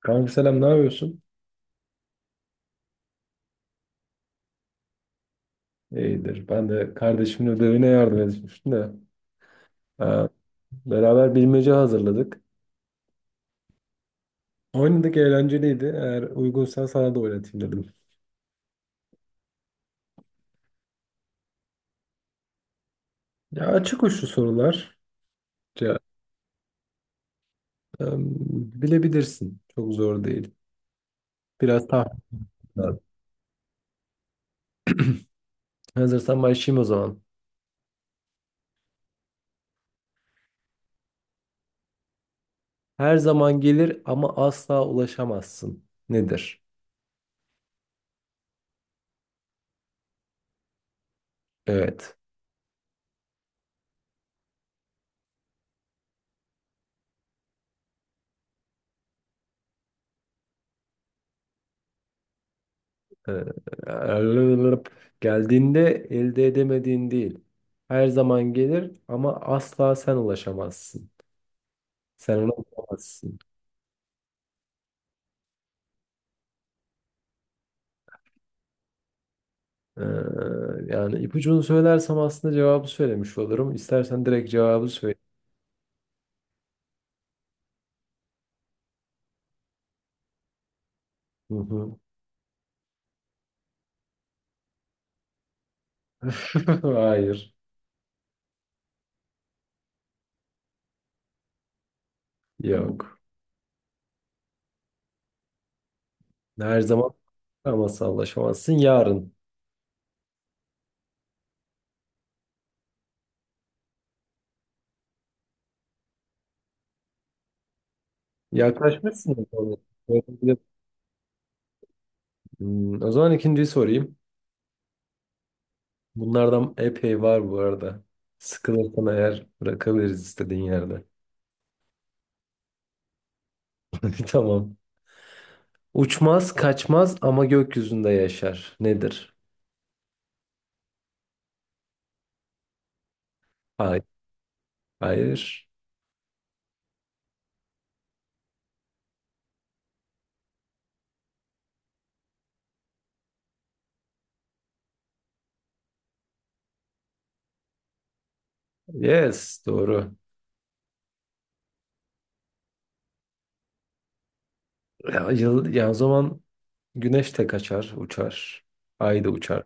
Kanka selam, ne yapıyorsun? İyidir. Ben de kardeşimin ödevine yardım etmiştim de. Ee, Beraber bilmece hazırladık. Oynadık, eğlenceliydi. Eğer uygunsan sana da oynatayım dedim. Ya, açık uçlu sorular. Ya, em, Bilebilirsin. Çok zor değil. Biraz tahmin lazım. Hazırsan başlayayım o zaman. Her zaman gelir ama asla ulaşamazsın. Nedir? Evet. Ee, Geldiğinde elde edemediğin değil. Her zaman gelir ama asla sen ulaşamazsın. Sen ona ulaşamazsın. Ee, Yani ipucunu söylersem aslında cevabı söylemiş olurum. İstersen direkt cevabı söyle. Hı hı. Hayır. Yok. Her zaman ulaşamazsın, ulaşamazsın. Yarın. Yaklaşmışsın. O zaman ikinciyi sorayım. Bunlardan epey var bu arada. Sıkılırsan eğer bırakabiliriz istediğin yerde. Tamam. Uçmaz, kaçmaz ama gökyüzünde yaşar. Nedir? Hayır. Hayır. Yes, doğru. Ya, o zaman güneş de kaçar, uçar. Ay da uçar.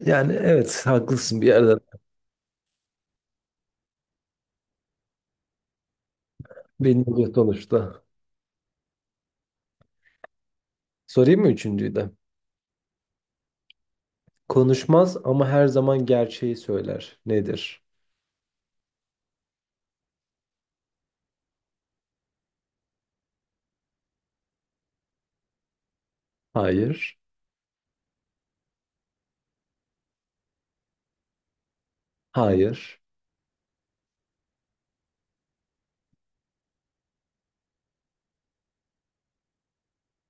Yani evet, haklısın bir yerden. Bilmiyor sonuçta. Sorayım mı üçüncüyü de? Konuşmaz ama her zaman gerçeği söyler. Nedir? Hayır. Hayır.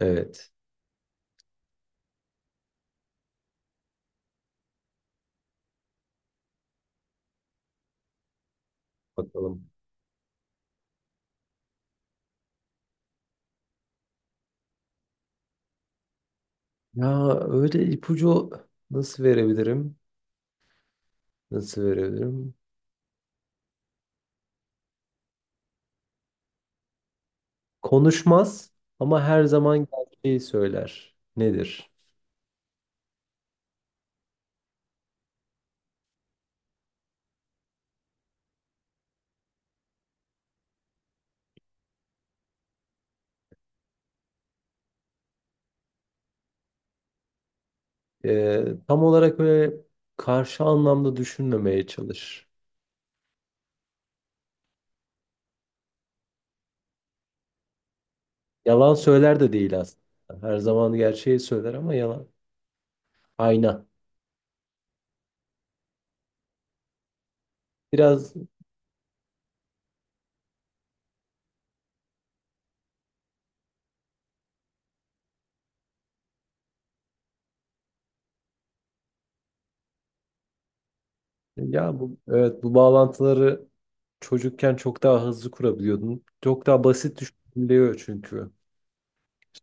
Evet. Bakalım. Ya, öyle ipucu nasıl verebilirim? Nasıl verebilirim? Konuşmaz ama her zaman gerçeği söyler. Nedir? Tam olarak öyle karşı anlamda düşünmemeye çalış. Yalan söyler de değil aslında. Her zaman gerçeği söyler ama yalan. Ayna. Biraz ya, bu evet, bu bağlantıları çocukken çok daha hızlı kurabiliyordun. Çok daha basit düşünülüyor çünkü.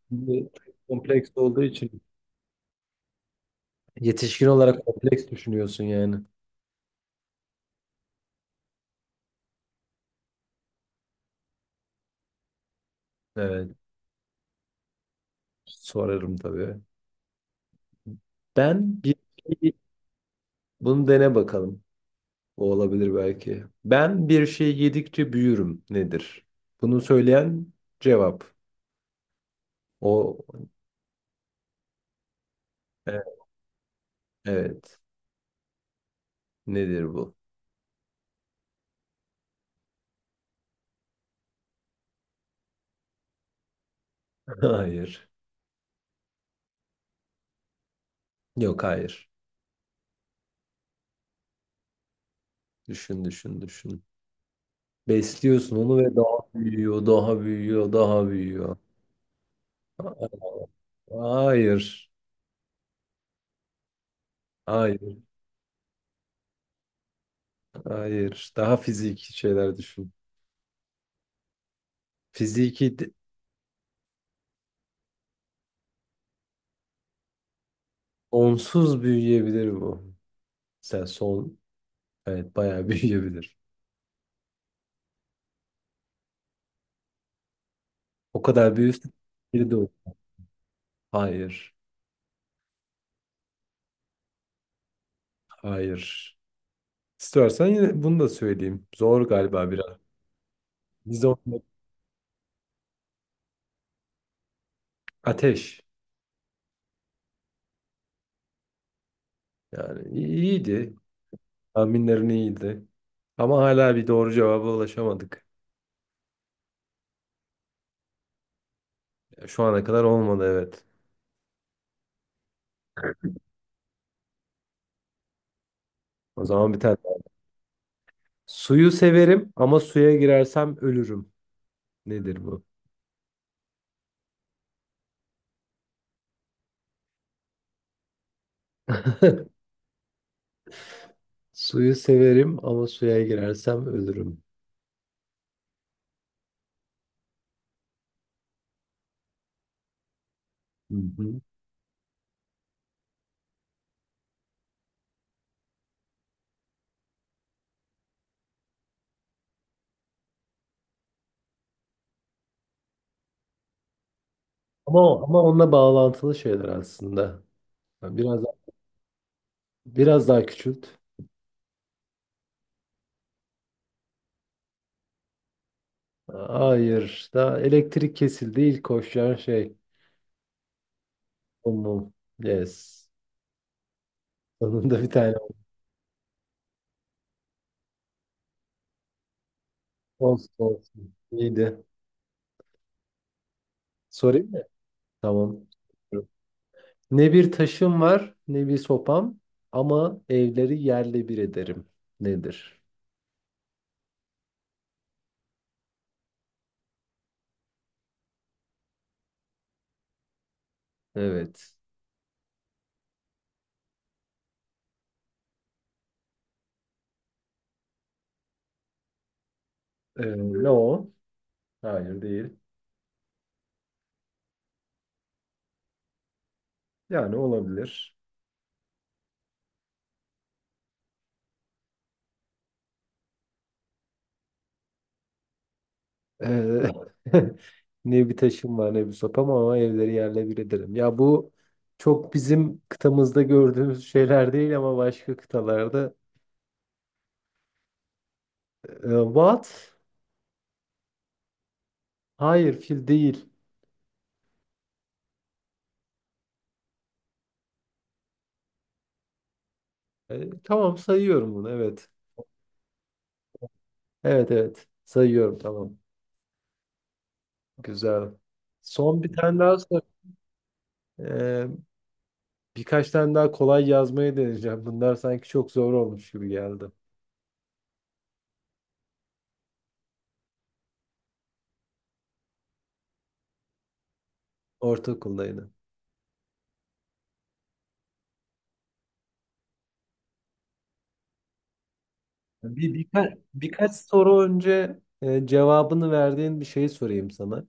Şimdi kompleks olduğu için yetişkin olarak kompleks düşünüyorsun yani. Evet. Sorarım tabii. Ben bir şey Bunu dene bakalım. O olabilir belki. Ben bir şey yedikçe büyürüm, nedir? Bunu söyleyen cevap. O, e, evet. Nedir bu? Hayır. Yok, hayır. Düşün düşün düşün. Besliyorsun onu ve daha büyüyor, daha büyüyor, daha büyüyor. Hayır. Hayır. Hayır. Daha fiziki şeyler düşün. Fiziki de- Onsuz büyüyebilir bu. Sen son Evet, bayağı büyüyebilir. O kadar büyüsün. Biri de o. Hayır. Hayır. İstersen yine bunu da söyleyeyim. Zor galiba biraz. Biz orada Ateş. Yani iyiydi. Tahminlerin iyiydi. Ama hala bir doğru cevaba ulaşamadık. Şu ana kadar olmadı, evet. O zaman bir tane daha. Suyu severim ama suya girersem ölürüm. Nedir bu? Suyu severim ama suya girersem ölürüm. Hı hı. Ama onunla bağlantılı şeyler aslında. Yani biraz daha küçült. Hayır. Daha, elektrik kesildi. İlk koşacağın şey. Mum mum. Yes. Sonunda bir tane. Olsun olsun. İyiydi. Sorayım mı? Tamam. Ne bir taşım var ne bir sopam ama evleri yerle bir ederim. Nedir? Evet. Ne o? Hayır değil. Yani olabilir. Eee, Ne bir taşım var ne bir sopam ama evleri yerle bir ederim. Ya bu çok bizim kıtamızda gördüğümüz şeyler değil ama başka kıtalarda. What? Hayır, fil değil. Tamam, sayıyorum bunu, evet. Evet evet, sayıyorum, tamam. Güzel. Son bir tane daha sor. Eee, Birkaç tane daha kolay yazmayı deneyeceğim. Bunlar sanki çok zor olmuş gibi geldi. Ortaokuldaydı. Birkaç soru önce cevabını verdiğin bir şeyi sorayım sana.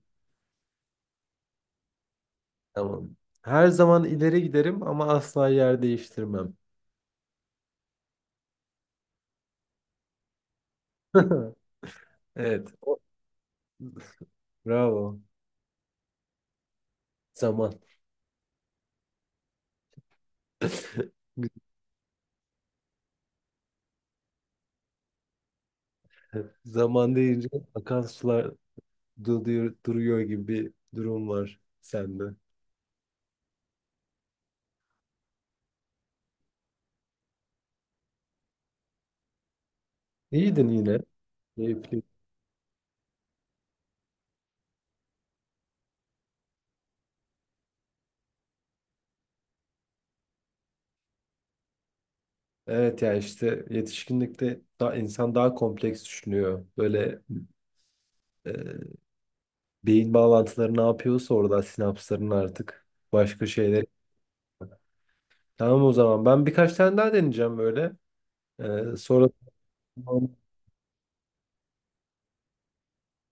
Tamam. Her zaman ileri giderim ama asla yer değiştirmem. Evet. Bravo. Zaman. Güzel. Zaman deyince akan sular duruyor, duruyor gibi bir durum var sende. İyiydin yine. Keyifli. Evet ya, işte yetişkinlikte daha, insan daha kompleks düşünüyor. Böyle e, beyin bağlantıları ne yapıyorsa orada sinapsların artık başka şeyler. Tamam, o zaman ben birkaç tane daha deneyeceğim böyle. Sonra, tamam,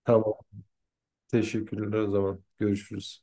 tamam. Teşekkürler, o zaman görüşürüz.